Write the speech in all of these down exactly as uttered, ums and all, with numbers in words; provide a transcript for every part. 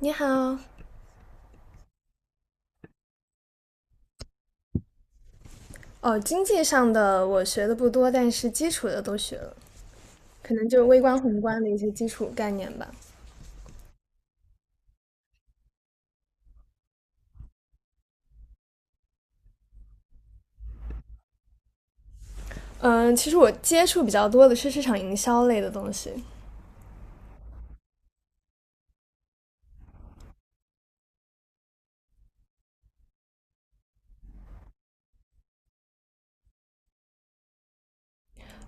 你好。哦，经济上的我学的不多，但是基础的都学了，可能就是微观、宏观的一些基础概念吧。嗯，其实我接触比较多的是市场营销类的东西。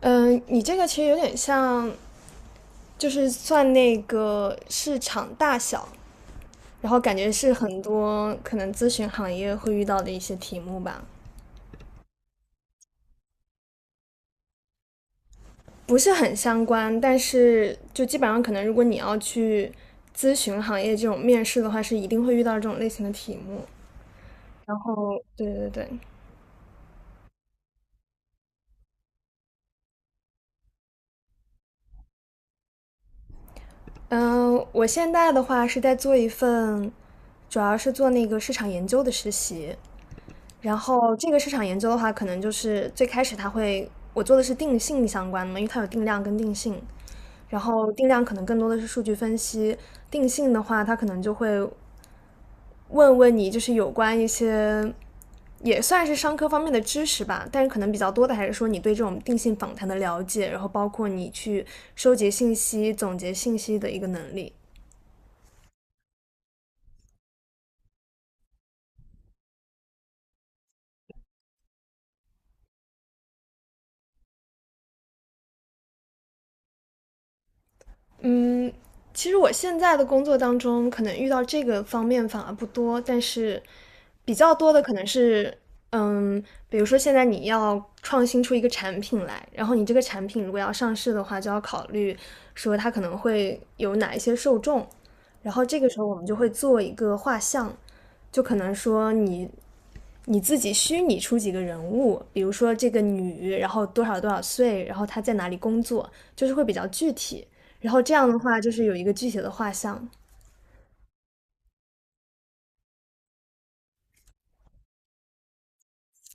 嗯，你这个其实有点像，就是算那个市场大小，然后感觉是很多可能咨询行业会遇到的一些题目吧，不是很相关，但是就基本上可能如果你要去咨询行业这种面试的话，是一定会遇到这种类型的题目。然后，对对对。嗯，我现在的话是在做一份，主要是做那个市场研究的实习。然后这个市场研究的话，可能就是最开始它会，我做的是定性相关的嘛，因为它有定量跟定性。然后定量可能更多的是数据分析，定性的话，它可能就会问问你，就是有关一些也算是商科方面的知识吧，但是可能比较多的还是说你对这种定性访谈的了解，然后包括你去收集信息、总结信息的一个能力。嗯，其实我现在的工作当中，可能遇到这个方面反而不多，但是比较多的可能是，嗯，比如说现在你要创新出一个产品来，然后你这个产品如果要上市的话，就要考虑说它可能会有哪一些受众，然后这个时候我们就会做一个画像，就可能说你你自己虚拟出几个人物，比如说这个女，然后多少多少岁，然后她在哪里工作，就是会比较具体，然后这样的话就是有一个具体的画像。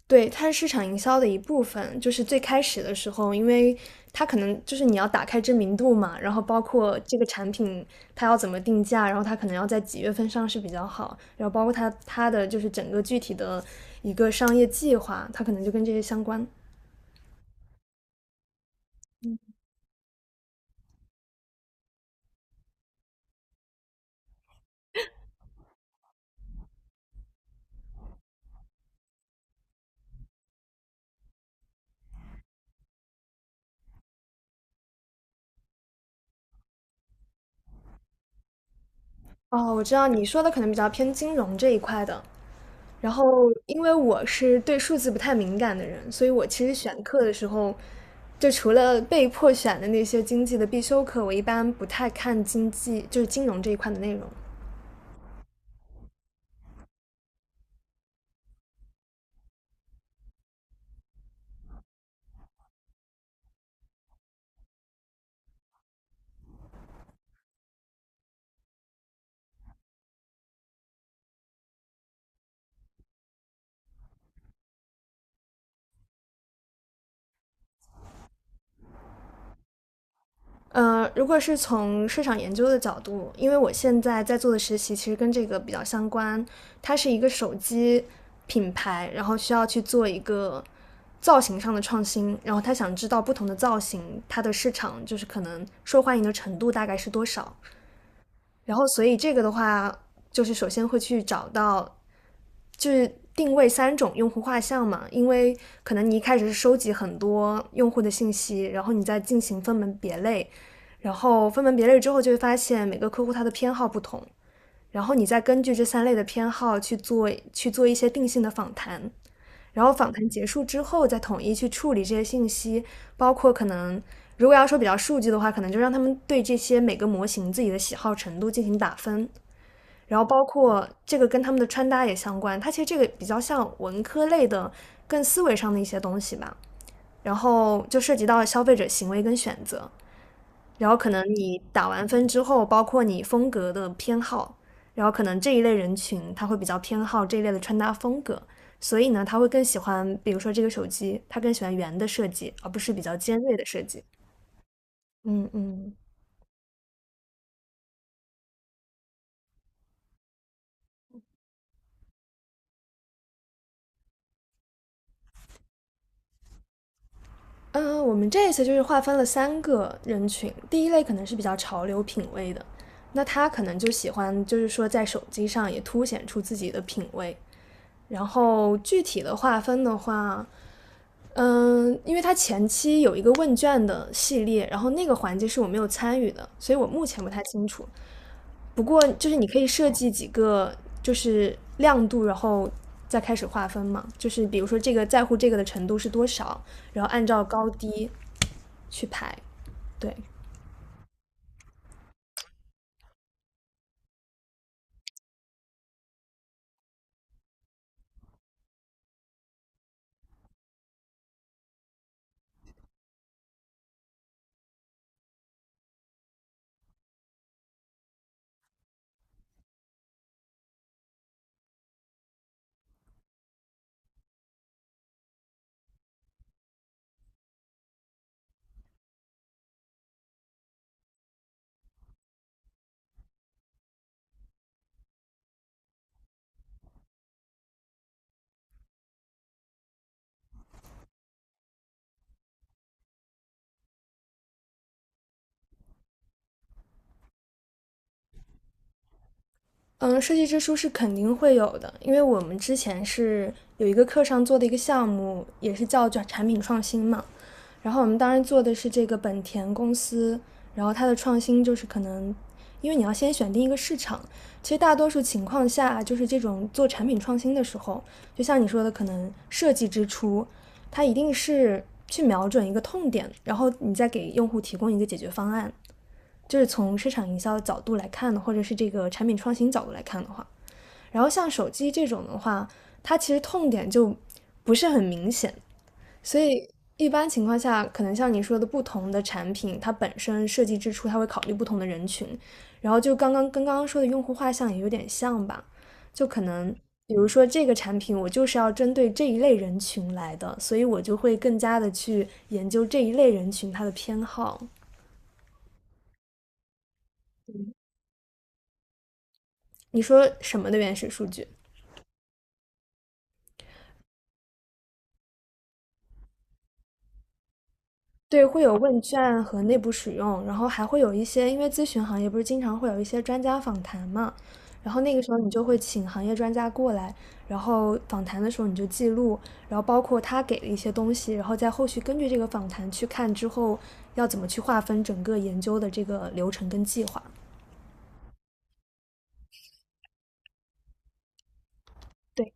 对，它是市场营销的一部分。就是最开始的时候，因为它可能就是你要打开知名度嘛，然后包括这个产品它要怎么定价，然后它可能要在几月份上市比较好，然后包括它它的就是整个具体的一个商业计划，它可能就跟这些相关。哦，我知道你说的可能比较偏金融这一块的。然后，因为我是对数字不太敏感的人，所以我其实选课的时候，就除了被迫选的那些经济的必修课，我一般不太看经济，就是金融这一块的内容。呃，如果是从市场研究的角度，因为我现在在做的实习其实跟这个比较相关，它是一个手机品牌，然后需要去做一个造型上的创新，然后他想知道不同的造型它的市场就是可能受欢迎的程度大概是多少，然后所以这个的话，就是首先会去找到就是定位三种用户画像嘛，因为可能你一开始是收集很多用户的信息，然后你再进行分门别类，然后分门别类之后就会发现每个客户他的偏好不同，然后你再根据这三类的偏好去做去做一些定性的访谈，然后访谈结束之后再统一去处理这些信息，包括可能如果要说比较数据的话，可能就让他们对这些每个模型自己的喜好程度进行打分。然后包括这个跟他们的穿搭也相关，它其实这个比较像文科类的更思维上的一些东西吧。然后就涉及到消费者行为跟选择，然后可能你打完分之后，包括你风格的偏好，然后可能这一类人群他会比较偏好这一类的穿搭风格，所以呢，他会更喜欢，比如说这个手机，他更喜欢圆的设计，而不是比较尖锐的设计。嗯嗯。嗯，我们这一次就是划分了三个人群，第一类可能是比较潮流品味的，那他可能就喜欢，就是说在手机上也凸显出自己的品味。然后具体的划分的话，嗯，因为他前期有一个问卷的系列，然后那个环节是我没有参与的，所以我目前不太清楚。不过就是你可以设计几个就是亮度，然后再开始划分嘛，就是比如说这个在乎这个的程度是多少，然后按照高低。去排。对。嗯，设计之书是肯定会有的，因为我们之前是有一个课上做的一个项目，也是叫叫产品创新嘛。然后我们当时做的是这个本田公司，然后它的创新就是可能，因为你要先选定一个市场。其实大多数情况下，就是这种做产品创新的时候，就像你说的，可能设计之初，它一定是去瞄准一个痛点，然后你再给用户提供一个解决方案。就是从市场营销的角度来看的，或者是这个产品创新角度来看的话，然后像手机这种的话，它其实痛点就不是很明显，所以一般情况下，可能像你说的，不同的产品它本身设计之初，它会考虑不同的人群，然后就刚刚跟刚刚说的用户画像也有点像吧，就可能比如说这个产品我就是要针对这一类人群来的，所以我就会更加的去研究这一类人群它的偏好。你说什么的原始数据？对，会有问卷和内部使用，然后还会有一些，因为咨询行业不是经常会有一些专家访谈嘛，然后那个时候你就会请行业专家过来，然后访谈的时候你就记录，然后包括他给的一些东西，然后在后续根据这个访谈去看之后要怎么去划分整个研究的这个流程跟计划。对。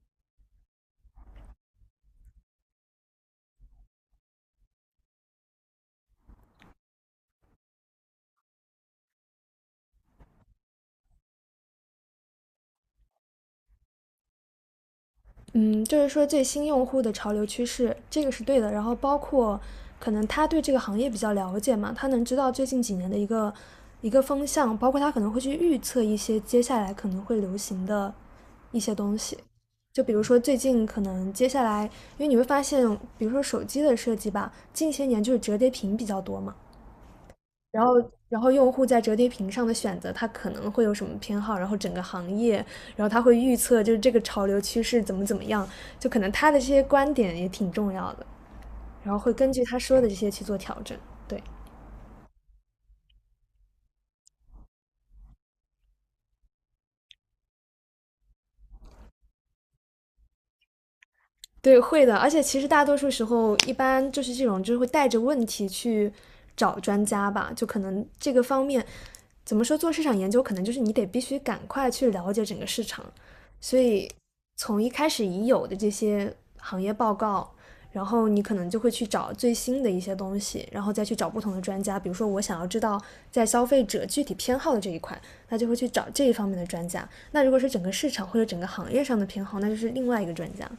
嗯，就是说最新用户的潮流趋势，这个是对的。然后包括可能他对这个行业比较了解嘛，他能知道最近几年的一个一个风向，包括他可能会去预测一些接下来可能会流行的一些东西。就比如说最近可能接下来，因为你会发现，比如说手机的设计吧，近些年就是折叠屏比较多嘛，然后，然后用户在折叠屏上的选择，他可能会有什么偏好，然后整个行业，然后他会预测就是这个潮流趋势怎么怎么样，就可能他的这些观点也挺重要的，然后会根据他说的这些去做调整。对，对，会的。而且其实大多数时候，一般就是这种，就是会带着问题去找专家吧。就可能这个方面，怎么说做市场研究，可能就是你得必须赶快去了解整个市场。所以从一开始已有的这些行业报告，然后你可能就会去找最新的一些东西，然后再去找不同的专家。比如说，我想要知道在消费者具体偏好的这一块，那就会去找这一方面的专家。那如果是整个市场或者整个行业上的偏好，那就是另外一个专家。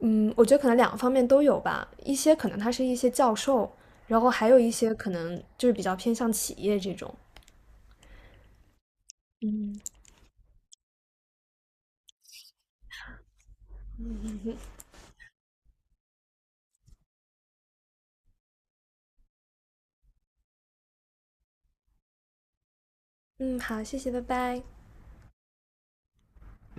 嗯，我觉得可能两个方面都有吧，一些可能他是一些教授，然后还有一些可能就是比较偏向企业这种。嗯，好，谢谢，拜拜。